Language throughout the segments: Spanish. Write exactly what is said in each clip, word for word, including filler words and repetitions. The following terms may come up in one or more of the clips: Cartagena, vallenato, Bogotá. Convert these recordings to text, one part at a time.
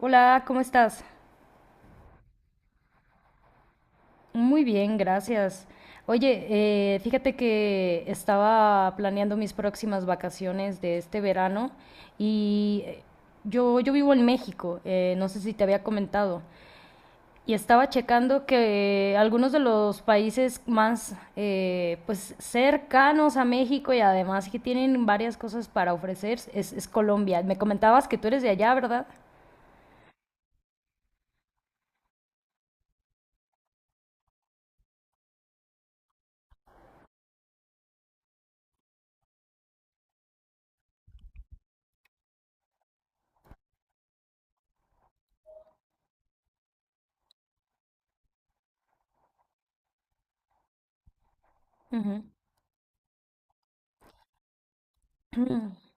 Hola, ¿cómo estás? Muy bien, gracias. Oye, eh, fíjate que estaba planeando mis próximas vacaciones de este verano y eh, yo, yo vivo en México, eh, no sé si te había comentado, y estaba checando que algunos de los países más eh, pues cercanos a México y además que tienen varias cosas para ofrecer es, es Colombia. Me comentabas que tú eres de allá, ¿verdad? Ujú.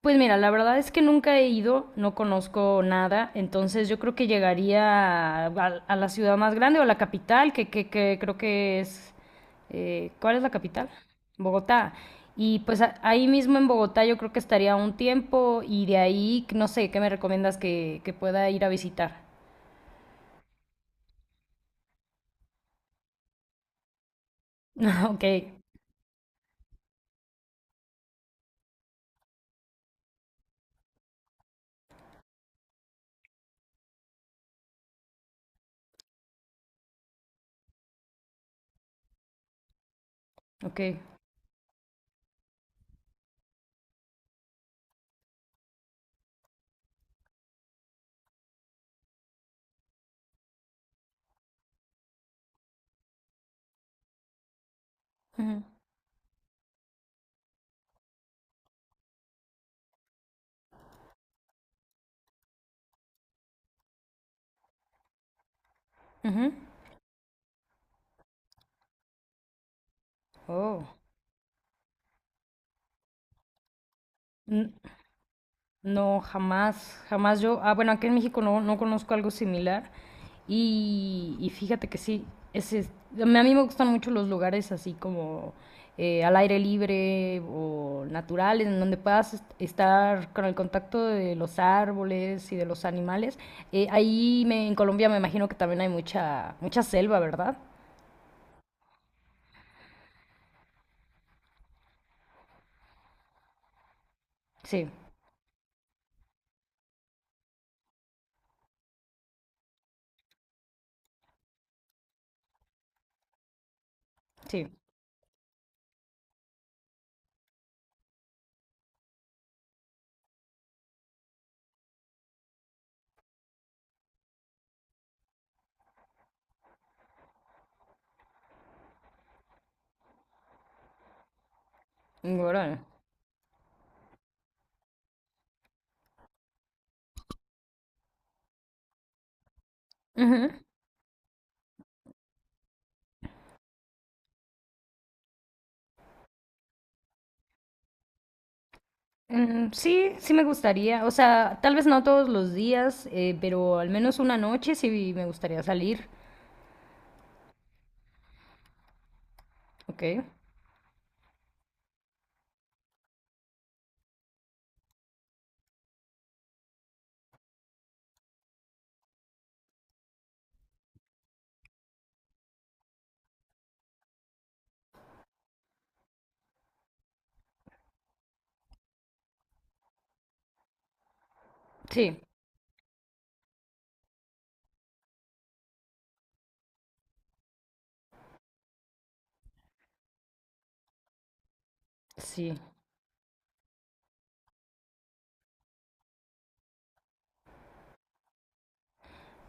Pues mira, la verdad es que nunca he ido, no conozco nada, entonces yo creo que llegaría a, a la ciudad más grande o a la capital, que, que, que creo que es... eh, ¿cuál es la capital? Bogotá. Y pues a- ahí mismo en Bogotá yo creo que estaría un tiempo y de ahí, no sé, ¿qué me recomiendas que, que pueda ir a visitar? Ok, ok. Ujú, ujú. Oh. No, jamás, jamás yo. Ah, bueno, aquí en México no, no conozco algo similar. Y, y fíjate que sí, ese es- a mí a mí me gustan mucho los lugares así como eh, al aire libre o naturales, en donde puedas est- estar con el contacto de los árboles y de los animales. Eh, ahí me- en Colombia me imagino que también hay mucha, mucha selva, ¿verdad? Sí, sí. Órale. Mm, sí, sí me gustaría. O sea, tal vez no todos los días, eh, pero al menos una noche sí me gustaría salir. Ok. Sí, sí.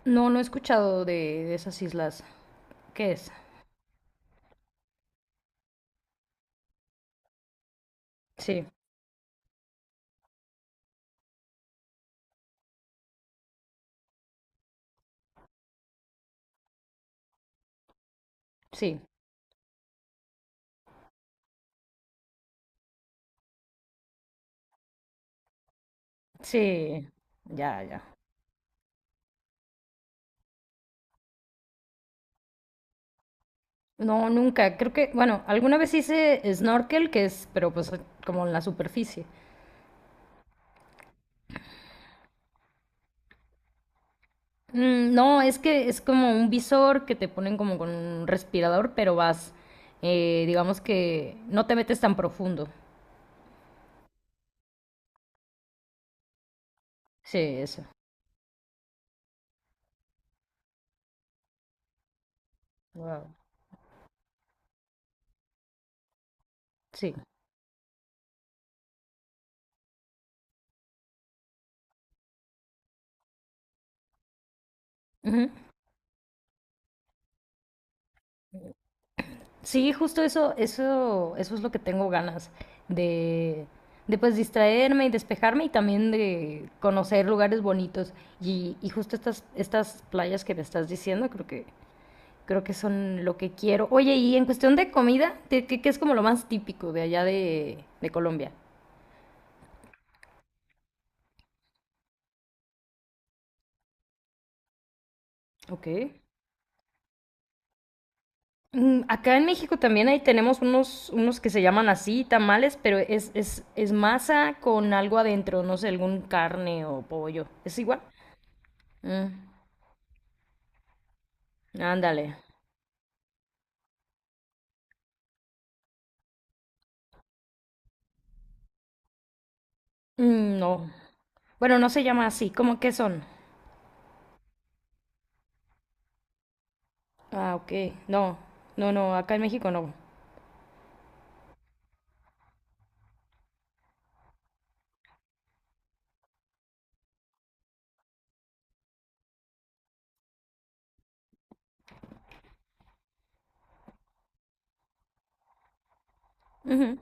No, no he escuchado de, de esas islas. ¿Qué es? Sí, sí, sí. Ya, ya. No, nunca. Creo que, bueno, alguna vez hice snorkel, que es, pero pues como en la superficie. Mm, no, es que es como un visor que te ponen como con un respirador, pero vas, eh, digamos que no te metes tan profundo. Sí, eso. Wow. Sí. Ujú. Sí, justo eso, eso, eso es lo que tengo ganas de, de pues distraerme y despejarme y también de conocer lugares bonitos. Y, y justo estas, estas playas que me estás diciendo, creo que, creo que son lo que quiero. Oye, y en cuestión de comida, ¿qué, qué- ¿qué es como lo más típico de allá de, de Colombia? Ok. Mm, acá en México también ahí tenemos unos, unos que se llaman así, tamales, pero es, es, es masa con algo adentro, no sé, algún carne o pollo. ¿Es igual? Mm, ándale. Mm, no. Bueno, no se llama así. ¿Cómo que son? Ah, ok. No, no, no, acá en México no. Ujú.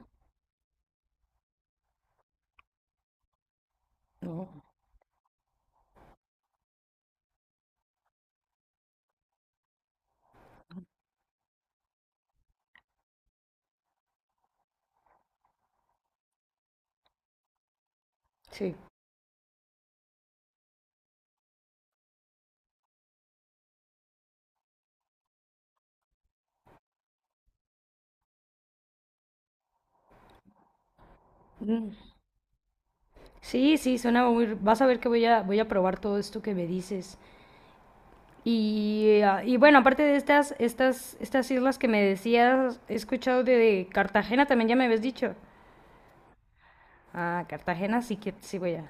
No, sí. Mm. Sí, sí, suena muy... Vas a ver que voy a, voy a probar todo esto que me dices. Y, ah, y bueno, aparte de estas, estas, estas islas que me decías, he escuchado de, de Cartagena también, ya me habías dicho. Ah, Cartagena sí que sí voy a.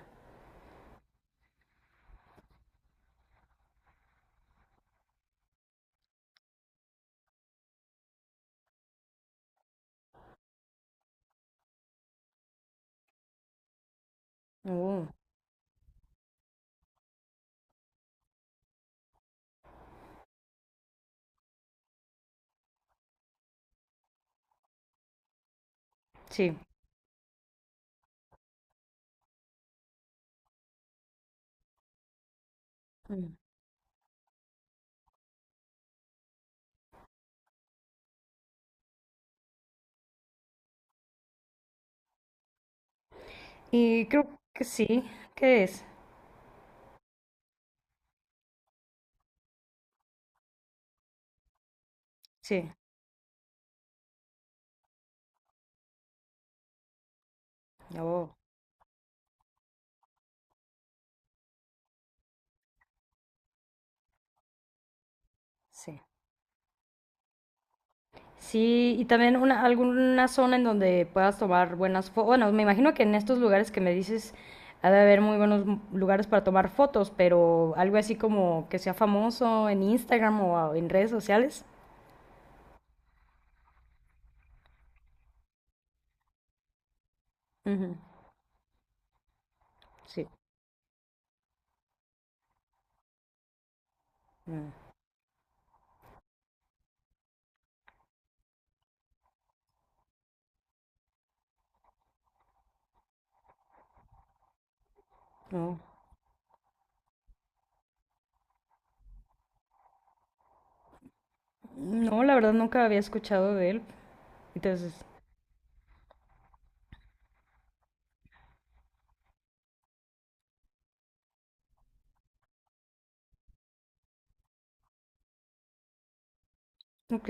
Uh, sí. Mm. Y creo que sí. ¿Qué es? Sí. Oh, sí. Sí, y también una, alguna zona en donde puedas tomar buenas fotos. Bueno, me imagino que en estos lugares que me dices ha de haber muy buenos m- lugares para tomar fotos, pero algo así como que sea famoso en Instagram o a- en redes sociales. Sí. Mm, no, no, la verdad nunca había escuchado de él. Entonces, ok.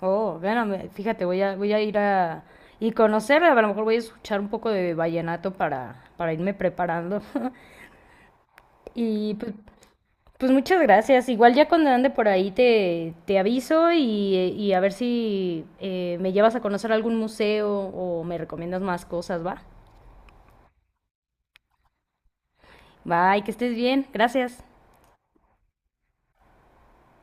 Oh, bueno, me- fíjate, voy a, voy a ir a... Y conocer, a lo mejor voy a escuchar un poco de vallenato para, para irme preparando. Y pues, pues muchas gracias. Igual ya cuando ande por ahí te, te aviso y, eh, y a ver si eh, me llevas a conocer algún museo o me recomiendas más cosas, ¿va? Bye, que estés bien. Gracias.